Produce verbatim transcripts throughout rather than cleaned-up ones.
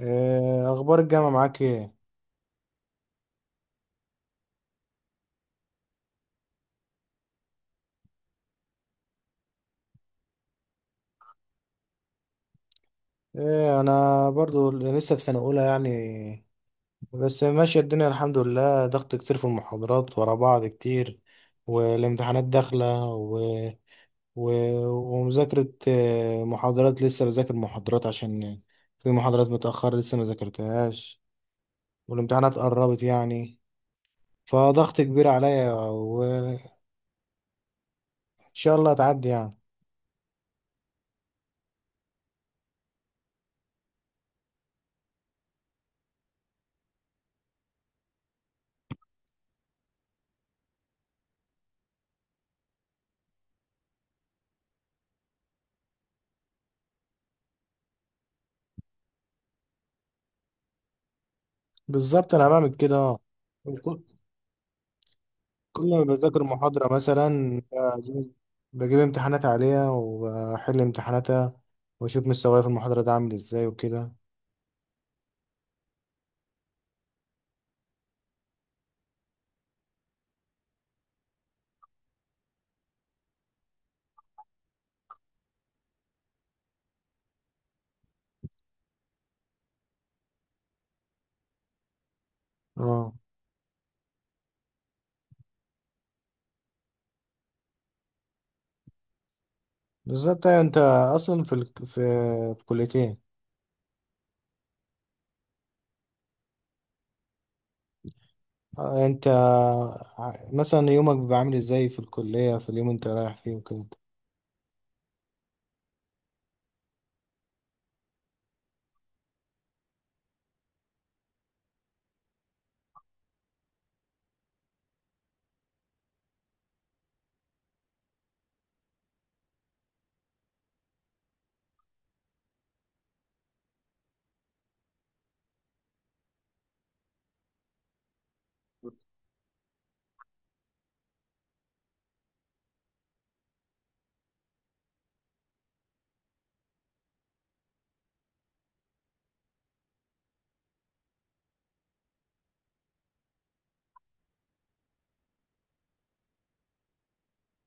إيه اخبار الجامعه معاك ايه؟ ايه، انا برضو لسه في سنه اولى يعني، بس ماشيه الدنيا الحمد لله. ضغط كتير في المحاضرات ورا بعض كتير، والامتحانات داخله و... و... ومذاكره. آه، محاضرات لسه بذاكر محاضرات عشان في محاضرات متاخره لسه ما ذاكرتهاش، والامتحانات قربت يعني، فضغط كبير عليا، وان شاء الله هتعدي يعني. بالظبط انا بعمل كده. اه، كل ما بذاكر محاضرة مثلا بجيب بجيب امتحانات عليها، وبحل امتحاناتها، وأشوف مستواي في المحاضرة ده عامل ازاي وكده. اه بالظبط. أيوة انت أصلا في ال... في في كليتين. آه، انت ع- مثلا يومك بيبقى عامل ازاي في الكلية في اليوم انت رايح فيه وكده؟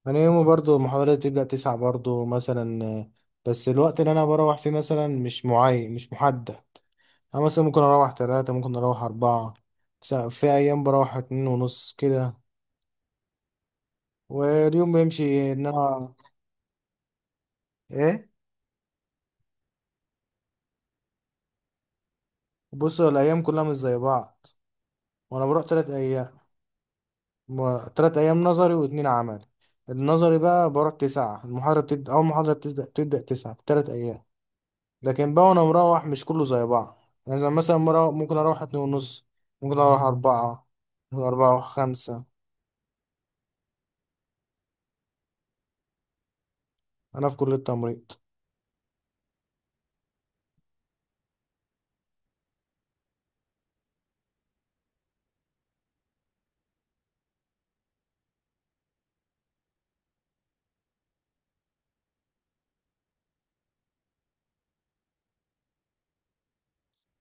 أنا يومي برضو المحاضرات بتبدأ تسعة برضو مثلا، آه، بس الوقت اللي أنا بروح فيه مثلا مش معين، مش محدد. أنا مثلا ممكن أروح تلاتة، ممكن أروح أربعة. س- في أيام بروح اتنين ونص كده. واليوم بيمشي إيه؟ إن أنا إيه. بص، هو الأيام كلها مش زي بعض، وأنا بروح تلات أيام. م- تلات أيام نظري واتنين عملي. النظري بقى بروح تسعة المحاضرة، بتبدأ، أول محاضرة بتبدأ تبدأ تسعة في تلات أيام. لكن بقى وأنا مروح مش كله زي بعض. يعني زي مثلا مرة ممكن أروح اتنين ونص، ممكن أروح أربعة، ممكن أروح خمسة. أنا في كلية تمريض.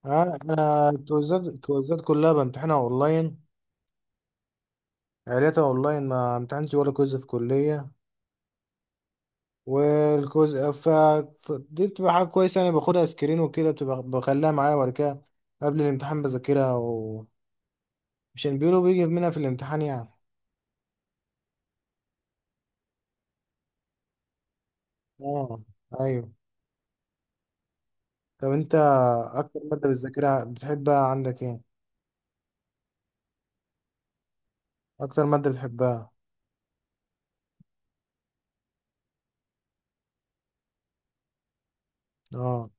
انا أنا الكويزات، الكويزات كلها بامتحنها اونلاين. عيلتها اونلاين، ما امتحنتش ولا كويز في كليه. والكويز ف... ف... دي بتبقى حاجه كويسه. انا باخدها سكرين وكده، بتبقى بخليها معايا، وبعد كده قبل الامتحان بذاكرها، ومشان بيقولوا بيجي منها في الامتحان يعني. اه. ايوه. طب انت اكتر ماده بتذاكرها بتحبها عندك ايه؟ اكتر ماده بتحبها. اه.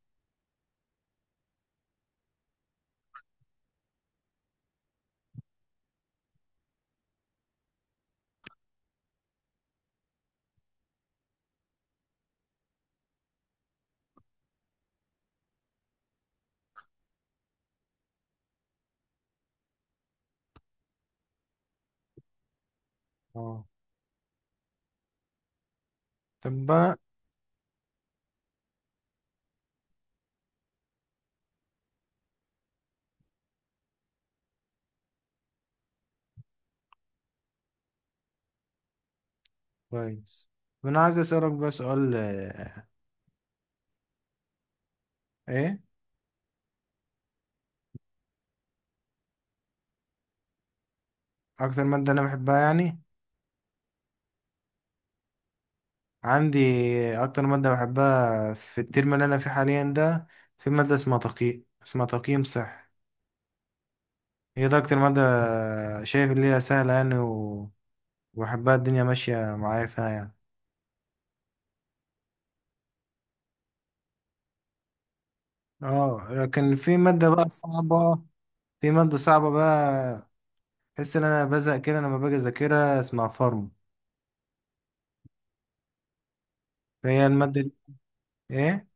اه. طب بقى كويس. طب انا عايز اسالك بقى سؤال. آه، ايه اكتر ماده انا بحبها يعني؟ عندي اكتر ماده بحبها في الترم اللي انا فيه حاليا ده، في ماده اسمها تقييم، اسمها تقييم صحي. هي ده اكتر ماده شايف اللي هي سهله يعني، و- وبحبها، الدنيا ماشيه معايا فيها يعني. اه لكن في ماده بقى صعبه. في ماده صعبه بقى، بحس ان انا بزهق كده لما باجي اذاكرها، اسمها فارما. فهي الماده دي. ايه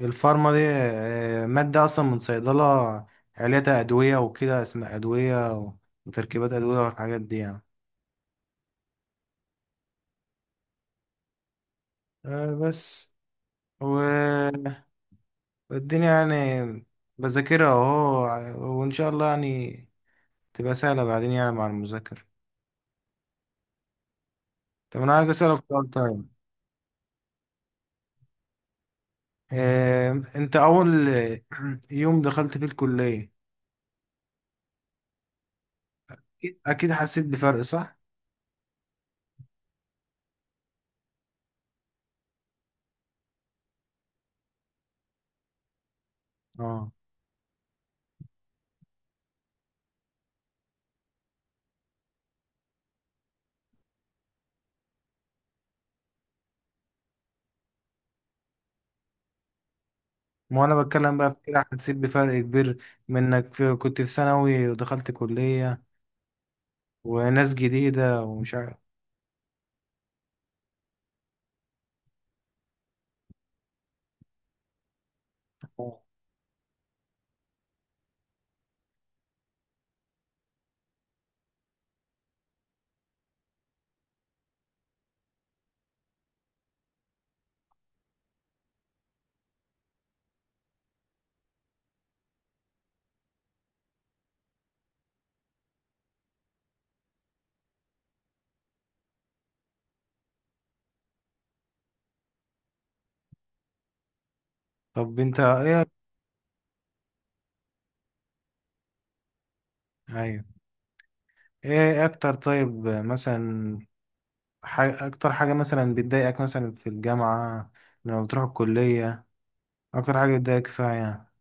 الفارما دي؟ آه، ماده اصلا من صيدله. عليتها ادويه وكده، اسمها ادويه وتركيبات ادويه والحاجات دي يعني. آه بس و... والدنيا يعني، بذاكرها اهو، وان شاء الله يعني تبقى سهلة بعدين يعني مع المذاكرة. طب انا عايز اسألك سؤال طيب. آه انت اول يوم دخلت فيه الكلية اكيد أكيد حسيت بفرق، صح؟ اه، ما انا بتكلم بقى في كده، حسيت بفرق كبير من انك في... كنت في ثانوي ودخلت كلية وناس جديدة ومش عارف. طب انت ايه؟ ايوه، ايه اكتر؟ طيب مثلا حاجة، أكتر حاجة مثلا بتضايقك مثلا في الجامعة لما بتروح الكلية، أكتر حاجة بتضايقك فيها يعني؟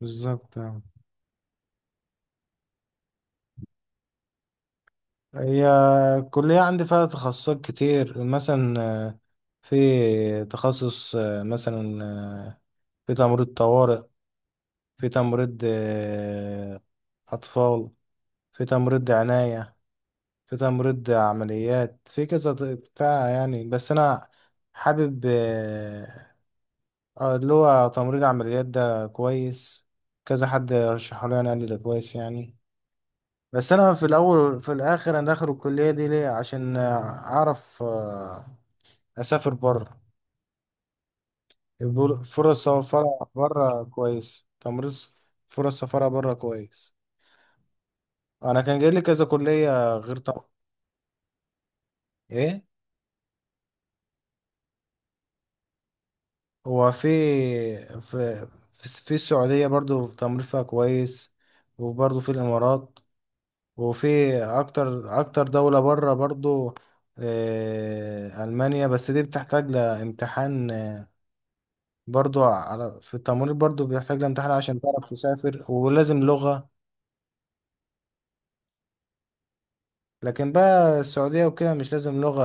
بالظبط آه. هي الكلية عندي فيها تخصصات كتير مثلا، آه، في تخصص، آه، مثلا آه، في تمريض طوارئ، في تمريض آه، أطفال، في تمريض عناية، في تمريض عمليات، في كذا ط- بتاع يعني. بس أنا حابب، آه، اه، اللي هو تمريض عمليات ده كويس. كذا حد رشحه لي يعني، قال لي ده كويس يعني. بس انا في الاول في الاخر انا داخل الكليه دي ليه؟ عشان آه، اعرف آه، اسافر بره. يقول فرص سفاره بره كويس تمريض. فرص سفاره بره كويس. انا كان جاي لي كذا كليه غير طب. ايه، هو في في في في السعوديه برضو في تمريض فيها كويس، وبرضو في الامارات، وفي اكتر اكتر دولة بره برضو. آه، المانيا بس دي بتحتاج لامتحان، آه، برضو على، في التمريض برضو بيحتاج لامتحان عشان تعرف تسافر، ولازم لغة. لكن بقى السعودية وكده مش لازم لغة.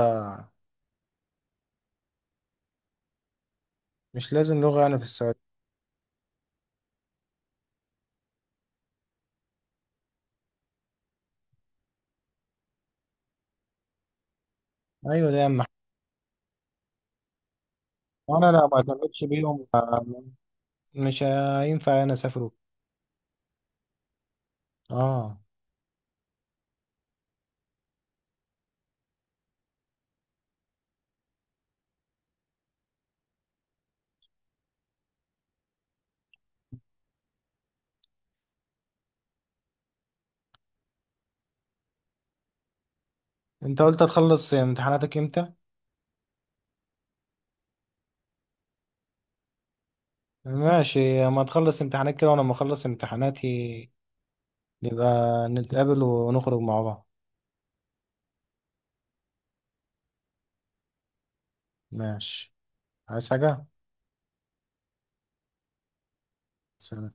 مش لازم لغة يعني في السعودية. ايوه ده اهم حاجة. وانا لو ما اعتمدتش بيهم، آه، مش هينفع انا اسافر وكده. اه. انت قلت هتخلص امتحاناتك امتى؟ ماشي، اما تخلص امتحانات كده وانا ما اخلص امتحاناتي، يبقى نتقابل ونخرج مع بعض. ماشي. عايز حاجة؟ سلام.